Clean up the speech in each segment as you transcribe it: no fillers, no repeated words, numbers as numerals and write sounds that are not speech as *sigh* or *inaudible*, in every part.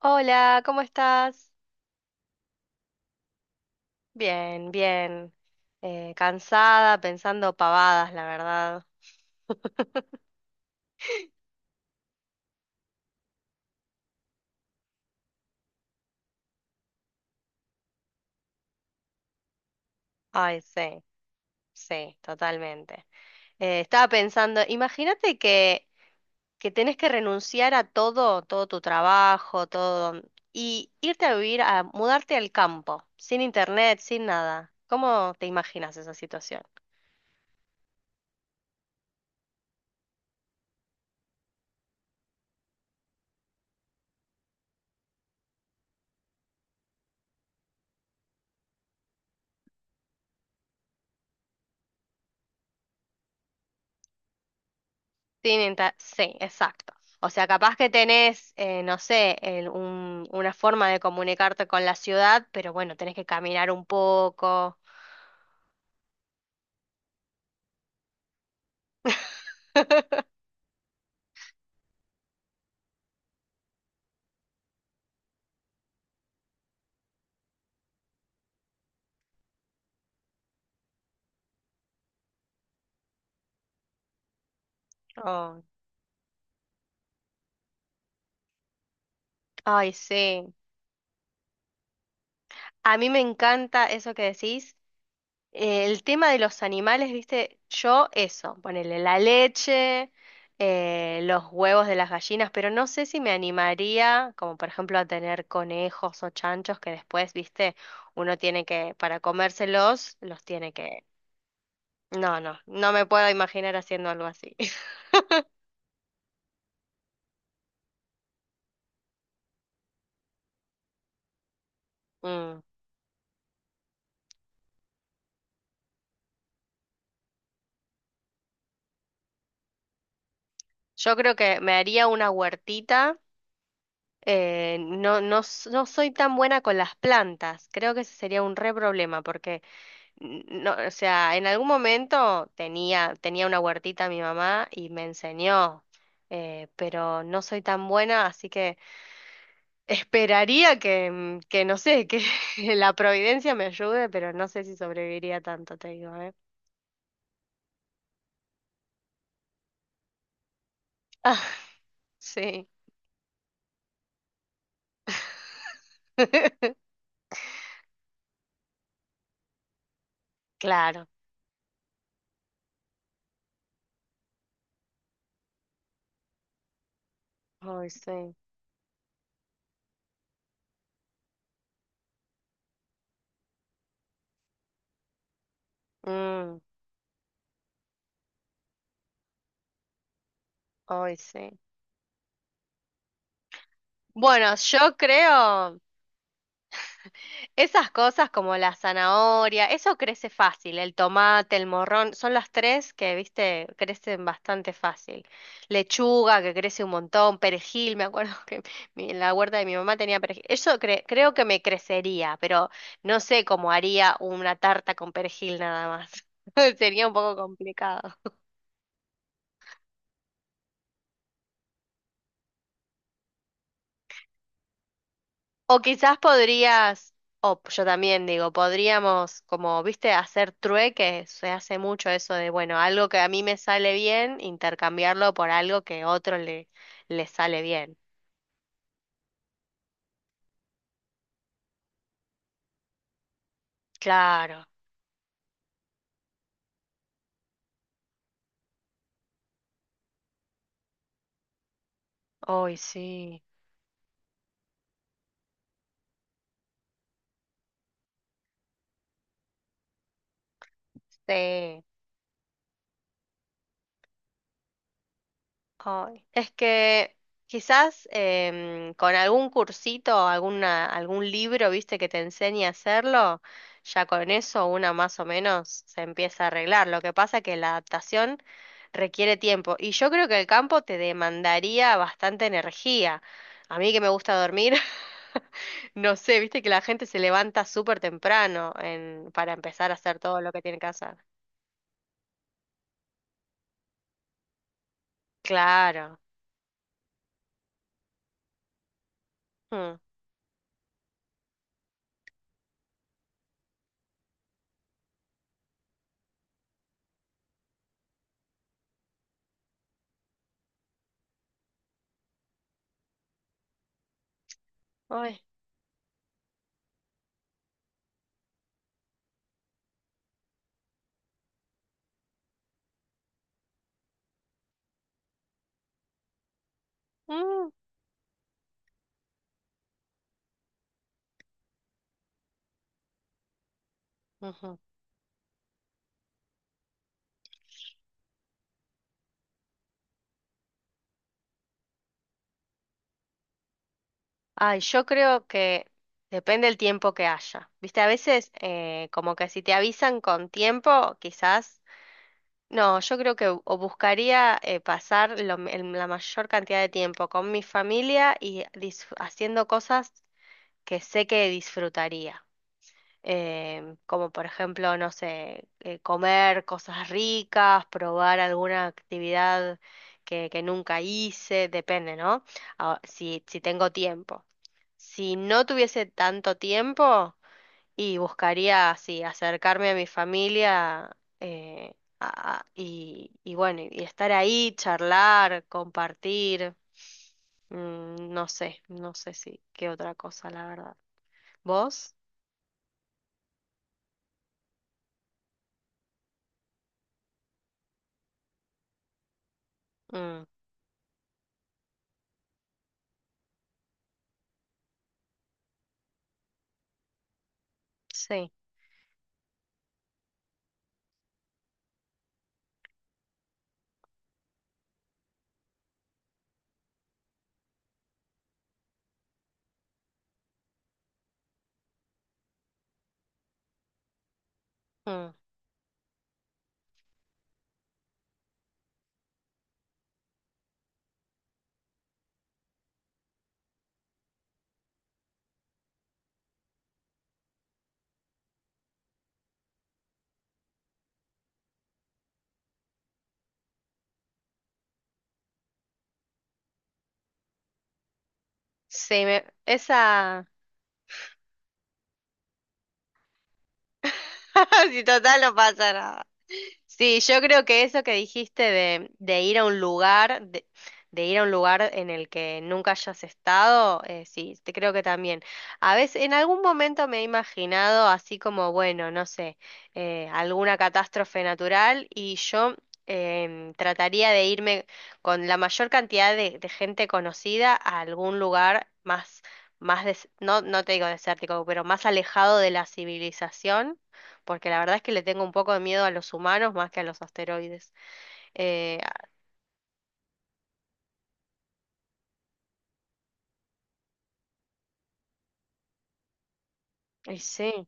Hola, ¿cómo estás? Bien, bien. Cansada, pensando pavadas, la verdad. *laughs* Ay, sí, sí, totalmente. Estaba pensando, imagínate que tenés que renunciar a todo, todo tu trabajo, todo, y irte a vivir, a mudarte al campo, sin internet, sin nada. ¿Cómo te imaginas esa situación? Sin inter- Sí, exacto. O sea, capaz que tenés, no sé, una forma de comunicarte con la ciudad, pero bueno, tenés que caminar un poco. *laughs* Oh, ay, sí. A mí me encanta eso que decís, el tema de los animales, viste, yo eso, ponerle la leche, los huevos de las gallinas, pero no sé si me animaría, como por ejemplo a tener conejos o chanchos que después, viste, uno tiene que, para comérselos, los tiene que... No, no, no me puedo imaginar haciendo algo así. *laughs* Mm. Yo creo que me haría una huertita. No soy tan buena con las plantas. Creo que ese sería un re problema porque no, o sea, en algún momento tenía una huertita mi mamá y me enseñó, pero no soy tan buena, así que *laughs* esperaría que no sé, que *laughs* la providencia me ayude, pero no sé si sobreviviría tanto, te digo, ¿eh? Ah, sí. *laughs* Claro, hoy sí. Mm, hoy sí. Bueno, yo creo. Esas cosas como la zanahoria, eso crece fácil, el tomate, el morrón, son las tres que, viste, crecen bastante fácil. Lechuga, que crece un montón, perejil, me acuerdo *laughs* que en la huerta de mi mamá tenía perejil. Eso creo que me crecería, pero no sé cómo haría una tarta con perejil nada más. *laughs* Sería un poco complicado. O quizás podrías, o yo también digo, podríamos, como viste, hacer trueque, se hace mucho eso de, bueno, algo que a mí me sale bien, intercambiarlo por algo que a otro le sale bien. Claro, hoy sí. Sí. Ay, es que quizás con algún cursito, algún libro, viste, que te enseñe a hacerlo, ya con eso una más o menos se empieza a arreglar. Lo que pasa que la adaptación requiere tiempo y yo creo que el campo te demandaría bastante energía. A mí que me gusta dormir, *laughs* no sé, viste que la gente se levanta súper temprano para empezar a hacer todo lo que tiene que hacer. Claro. Mm. Ay. Mm. Ujú. Ay, yo creo que depende el tiempo que haya. Viste, a veces como que si te avisan con tiempo, quizás... No, yo creo que o buscaría pasar la mayor cantidad de tiempo con mi familia y haciendo cosas que sé que disfrutaría. Como por ejemplo, no sé, comer cosas ricas, probar alguna actividad que nunca hice, depende, ¿no? Ah, si, si tengo tiempo. Si no tuviese tanto tiempo y buscaría así acercarme a mi familia, y bueno, y estar ahí, charlar, compartir, mm, no sé, no sé si qué otra cosa, la verdad. ¿Vos? Mm, sí. Mm. Sí, esa... *laughs* Si total no pasa nada. Sí, yo creo que eso que dijiste de ir a un lugar, de ir a un lugar en el que nunca hayas estado, sí, te creo que también. A veces, en algún momento me he imaginado así como, bueno, no sé, alguna catástrofe natural y yo trataría de irme con la mayor cantidad de gente conocida a algún lugar más, no, no te digo desértico, pero más alejado de la civilización porque la verdad es que le tengo un poco de miedo a los humanos más que a los asteroides. Eh, y sí,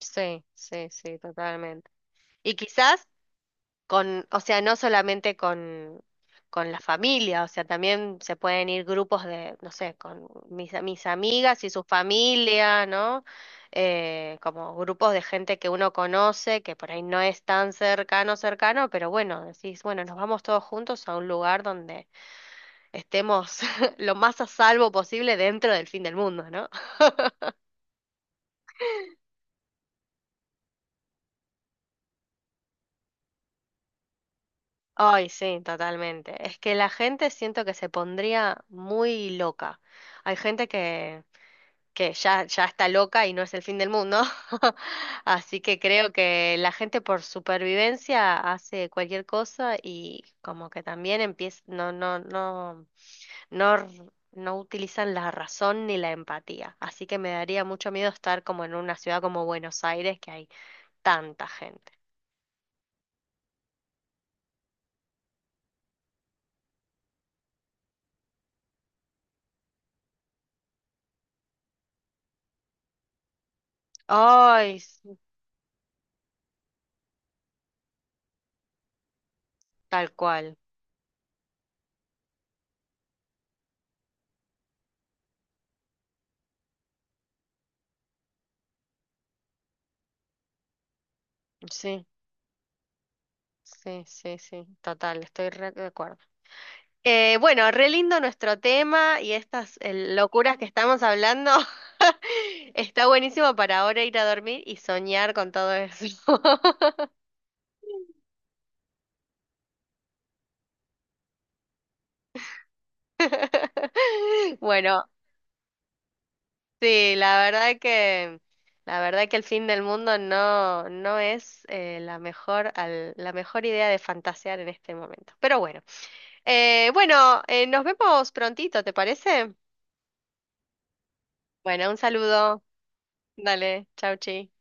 sí, sí, sí, totalmente. Y quizás o sea, no solamente con la familia, o sea, también se pueden ir grupos de, no sé, con mis amigas y su familia, ¿no? Como grupos de gente que uno conoce, que por ahí no es tan cercano, cercano, pero bueno, decís, bueno, nos vamos todos juntos a un lugar donde estemos *laughs* lo más a salvo posible dentro del fin del mundo, ¿no? Ay, sí, totalmente. Es que la gente siento que se pondría muy loca. Hay gente que ya, ya está loca y no es el fin del mundo. *laughs* Así que creo que la gente por supervivencia hace cualquier cosa y como que también empieza, no, no, no, no, no utilizan la razón ni la empatía. Así que me daría mucho miedo estar como en una ciudad como Buenos Aires, que hay tanta gente. Ay, sí, tal cual. Sí, sí, sí, sí, total, estoy re de acuerdo. Bueno, re lindo nuestro tema y estas locuras que estamos hablando. *laughs* Está buenísimo para ahora ir a dormir y soñar con todo eso. *laughs* Bueno, sí, la verdad que el fin del mundo no es la mejor idea de fantasear en este momento. Pero bueno. Bueno, Nos vemos prontito, ¿te parece? Bueno, un saludo. Dale, chau, chi.